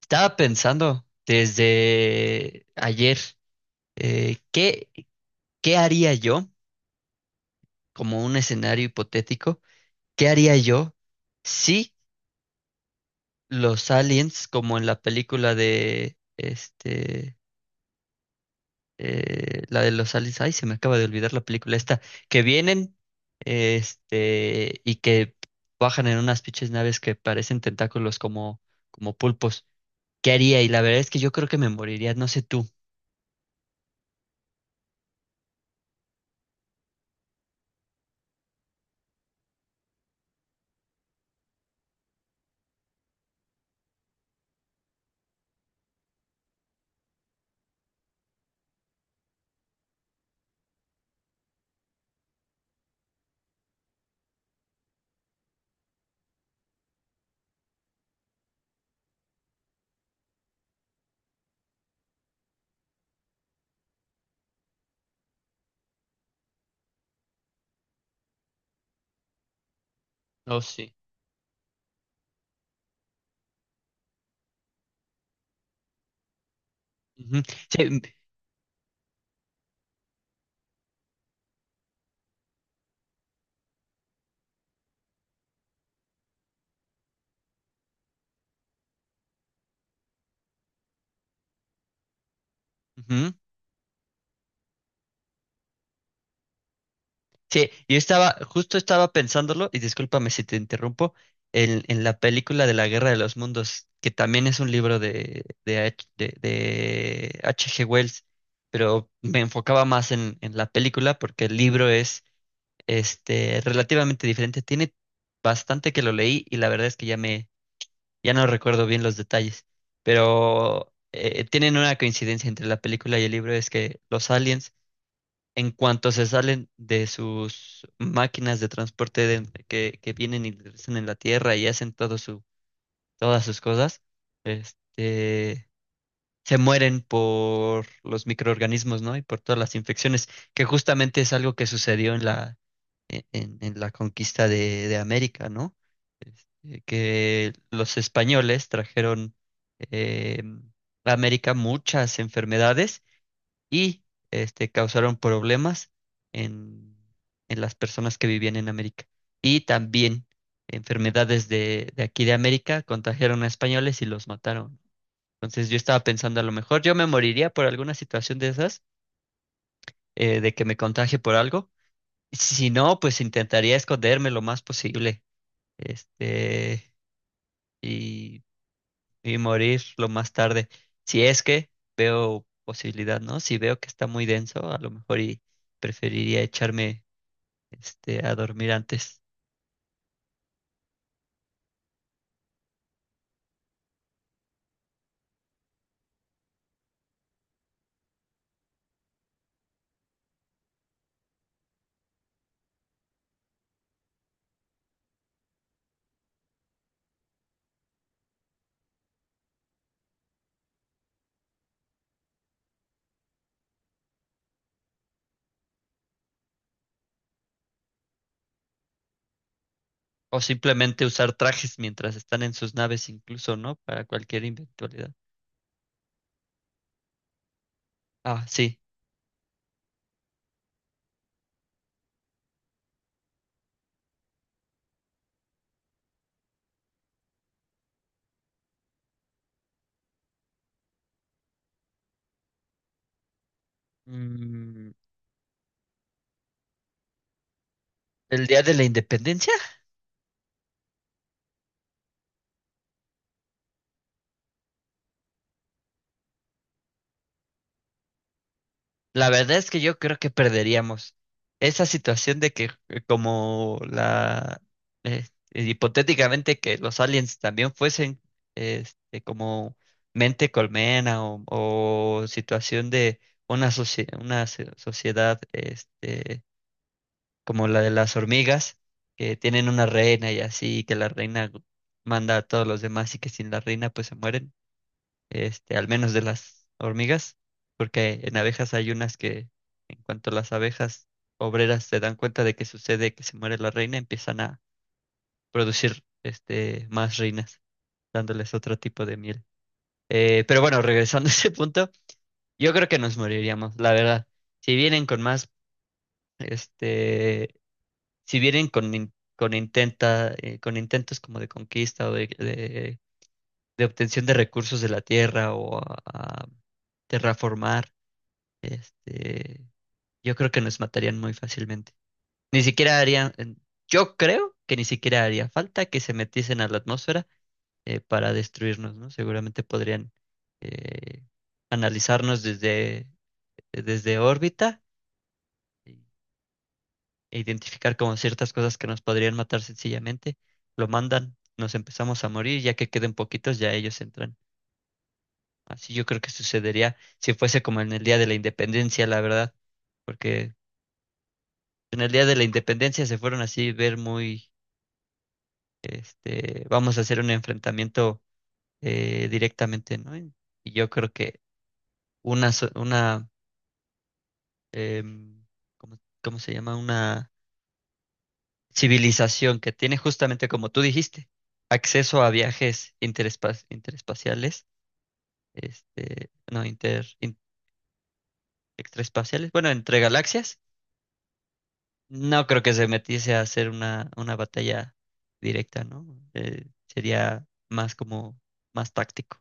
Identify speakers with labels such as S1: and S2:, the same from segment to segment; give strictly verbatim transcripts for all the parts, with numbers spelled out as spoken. S1: Estaba pensando desde ayer, eh, ¿qué, qué haría yo, como un escenario hipotético, qué haría yo si los aliens, como en la película de, este, eh, la de los aliens, ay, se me acaba de olvidar la película esta, que vienen, este, y que bajan en unas pinches naves que parecen tentáculos como, como pulpos, ¿qué haría? Y la verdad es que yo creo que me moriría, no sé tú. Oh, sí. Ujú. Sí. Ujú. Sí, yo estaba, justo estaba pensándolo, y discúlpame si te interrumpo, en, en la película de la Guerra de los Mundos, que también es un libro de, de, H- de, de H G. Wells, pero me enfocaba más en, en la película porque el libro es este, relativamente diferente. Tiene bastante que lo leí y la verdad es que ya me, ya no recuerdo bien los detalles, pero eh, tienen una coincidencia entre la película y el libro, es que los aliens en cuanto se salen de sus máquinas de transporte de- que, que vienen y regresan en la Tierra y hacen todo su, todas sus cosas, este, se mueren por los microorganismos, ¿no? Y por todas las infecciones, que justamente es algo que sucedió en la, en, en- en la conquista de, de América, ¿no? Este, que los españoles trajeron eh, a América muchas enfermedades y este, causaron problemas en, en las personas que vivían en América. Y también enfermedades de, de aquí de América contagiaron a españoles y los mataron. Entonces yo estaba pensando, a lo mejor yo me moriría por alguna situación de esas, eh, de que me contagie por algo. Si no, pues intentaría esconderme lo más posible. Este, y y morir lo más tarde. Si es que veo posibilidad, ¿no? Si veo que está muy denso, a lo mejor y preferiría echarme este a dormir antes. O simplemente usar trajes mientras están en sus naves, incluso, ¿no? Para cualquier eventualidad. Ah, sí. Mm, ¿el día de la independencia? La verdad es que yo creo que perderíamos esa situación de que eh, como la eh, eh, hipotéticamente que los aliens también fuesen este, como mente colmena o, o situación de una, socie- una se- sociedad este, como la de las hormigas que tienen una reina y así que la reina manda a todos los demás y que sin la reina pues se mueren este, al menos de las hormigas, porque en abejas hay unas que, en cuanto las abejas obreras se dan cuenta de que sucede que se muere la reina, empiezan a producir este, más reinas, dándoles otro tipo de miel. Eh, pero bueno, regresando a ese punto, yo creo que nos moriríamos, la verdad. Si vienen con más, este, si vienen con, in- con intenta, eh, con intentos como de conquista o de, de, de obtención de recursos de la tierra o a a terraformar, Este, yo creo que nos matarían muy fácilmente. Ni siquiera harían, en- Yo creo que ni siquiera haría falta que se metiesen a la atmósfera eh, para destruirnos, ¿no? Seguramente podrían eh, analizarnos desde, desde órbita y- e identificar como ciertas cosas que nos podrían matar sencillamente. Lo mandan, nos empezamos a morir, ya que queden poquitos, ya ellos entran. Así yo creo que sucedería si fuese como en el día de la independencia, la verdad, porque en el día de la independencia se fueron así ver muy, este, vamos a hacer un enfrentamiento eh, directamente, ¿no? Y y yo creo que una, so- una em, ¿cómo, cómo se llama? Una civilización que tiene justamente, como tú dijiste, acceso a viajes interespa- interespaciales, este, no, inter, in- extraespaciales, bueno, entre galaxias. No creo que se metiese a hacer una, una batalla directa, ¿no? Eh, sería más como más táctico.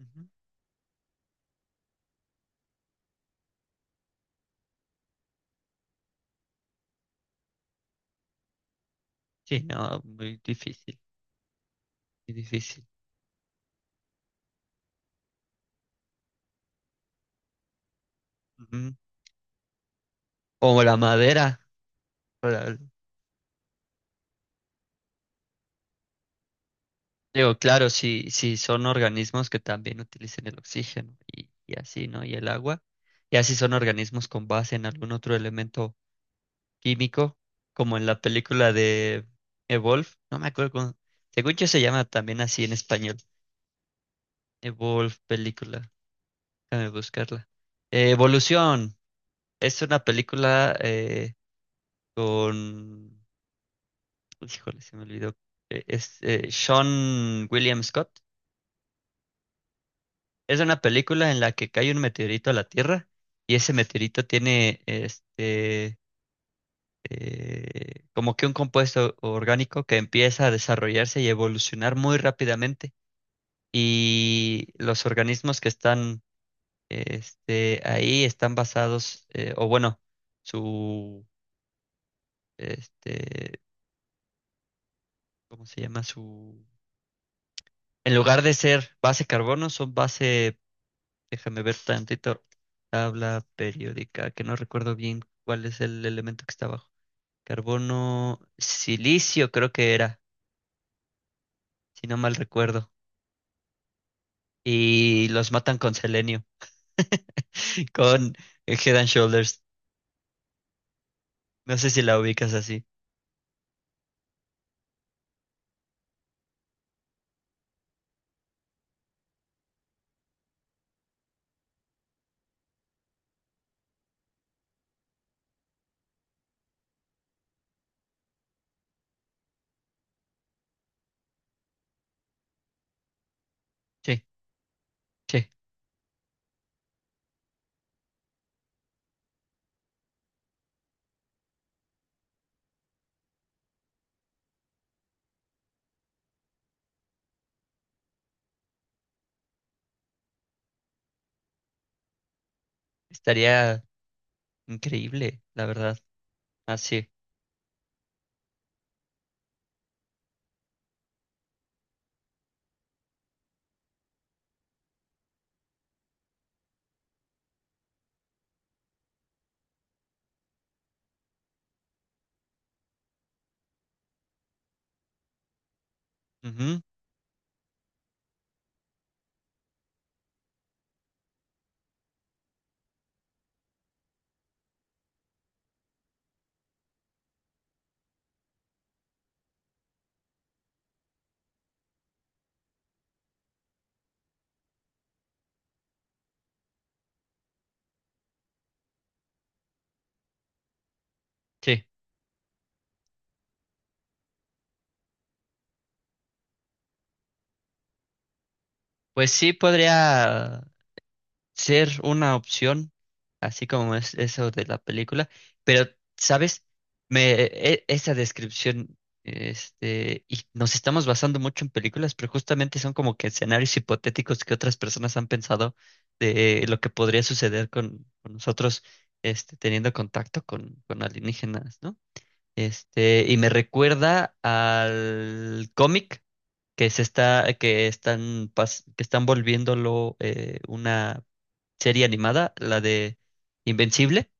S1: Ujú. Sí, no, muy difícil, muy difícil. Ujú. O la madera. para- Digo, claro, si, si son organismos que también utilicen el oxígeno y, y así, ¿no? Y el agua. Y así son organismos con base en algún otro elemento químico, como en la película de Evolve. No me acuerdo cómo. Según yo se llama también así en español Evolve, película. Déjame buscarla. Eh, Evolución. Es una película eh, con... Híjole, se me olvidó. Eh, es eh, Sean William Scott. Es una película en la que cae un meteorito a la Tierra y ese meteorito tiene este... eh, como que un compuesto orgánico que empieza a desarrollarse y evolucionar muy rápidamente y los organismos que están Este, ahí están basados, eh, o bueno, su, este, ¿cómo se llama? Su, en lugar de ser base carbono, son base, déjame ver tantito, tabla periódica, que no recuerdo bien cuál es el elemento que está abajo. Carbono, silicio creo que era, si no mal recuerdo. Y los matan con selenio, con Head and Shoulders. No sé si la ubicas así. Sí, sí, estaría increíble, la verdad. Así. Ujú. Sí. Pues sí podría ser una opción, así como es eso de la película. Pero, ¿sabes? Me, e- esa descripción, este, y nos estamos basando mucho en películas, pero justamente son como que escenarios hipotéticos que otras personas han pensado de lo que podría suceder con, con nosotros, este, teniendo contacto con, con alienígenas, ¿no? Este, y me recuerda al cómic que se está, que están, pas- que están volviéndolo eh, una serie animada, la de Invencible.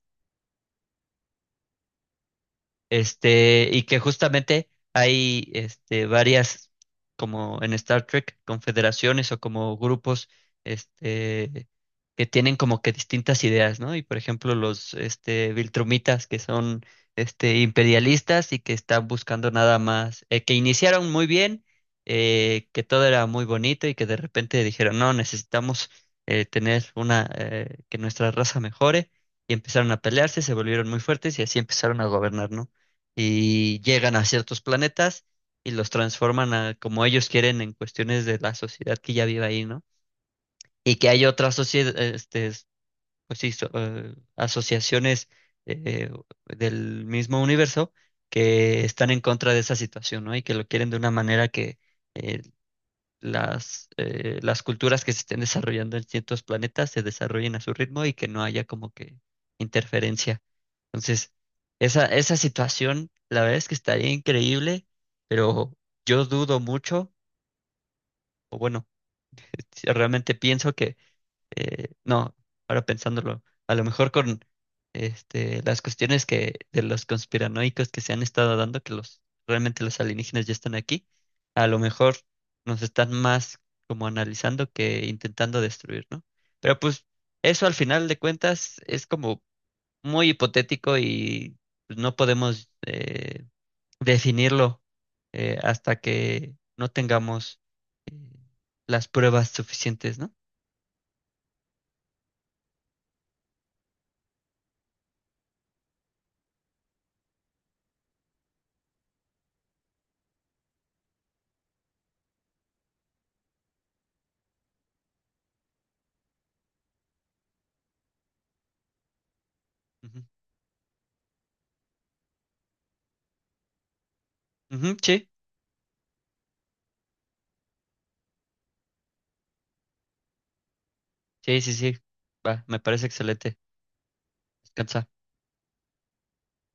S1: Este, y que justamente hay este, varias, como en Star Trek, confederaciones o como grupos este, que tienen como que distintas ideas, ¿no? Y por ejemplo, los este, Viltrumitas, que son este, imperialistas y que están buscando nada más, eh, que iniciaron muy bien, eh, que todo era muy bonito y que de repente dijeron, no, necesitamos eh, tener una, eh, que nuestra raza mejore. Y empezaron a pelearse, se volvieron muy fuertes y así empezaron a gobernar, ¿no? Y llegan a ciertos planetas y los transforman a como ellos quieren en cuestiones de la sociedad que ya vive ahí, ¿no? Y que hay otras sociedades, este, es- pues sí, so- eh, asociaciones eh, del mismo universo que están en contra de esa situación, ¿no? Y que lo quieren de una manera que eh, las, eh, las culturas que se estén desarrollando en ciertos planetas se desarrollen a su ritmo y que no haya como que interferencia. Entonces, esa, esa situación, la verdad es que estaría increíble, pero yo dudo mucho, o bueno, si realmente pienso que, eh, no, ahora pensándolo, a lo mejor con este, las cuestiones que de los conspiranoicos que se han estado dando, que los realmente los alienígenas ya están aquí, a lo mejor nos están más como analizando que intentando destruir, ¿no? Pero pues eso al final de cuentas es como muy hipotético y pues, no podemos eh, definirlo eh, hasta que no tengamos eh, las pruebas suficientes, ¿no? Ujú. Ujú, sí, sí, sí, sí. Va, me parece excelente. Descansa.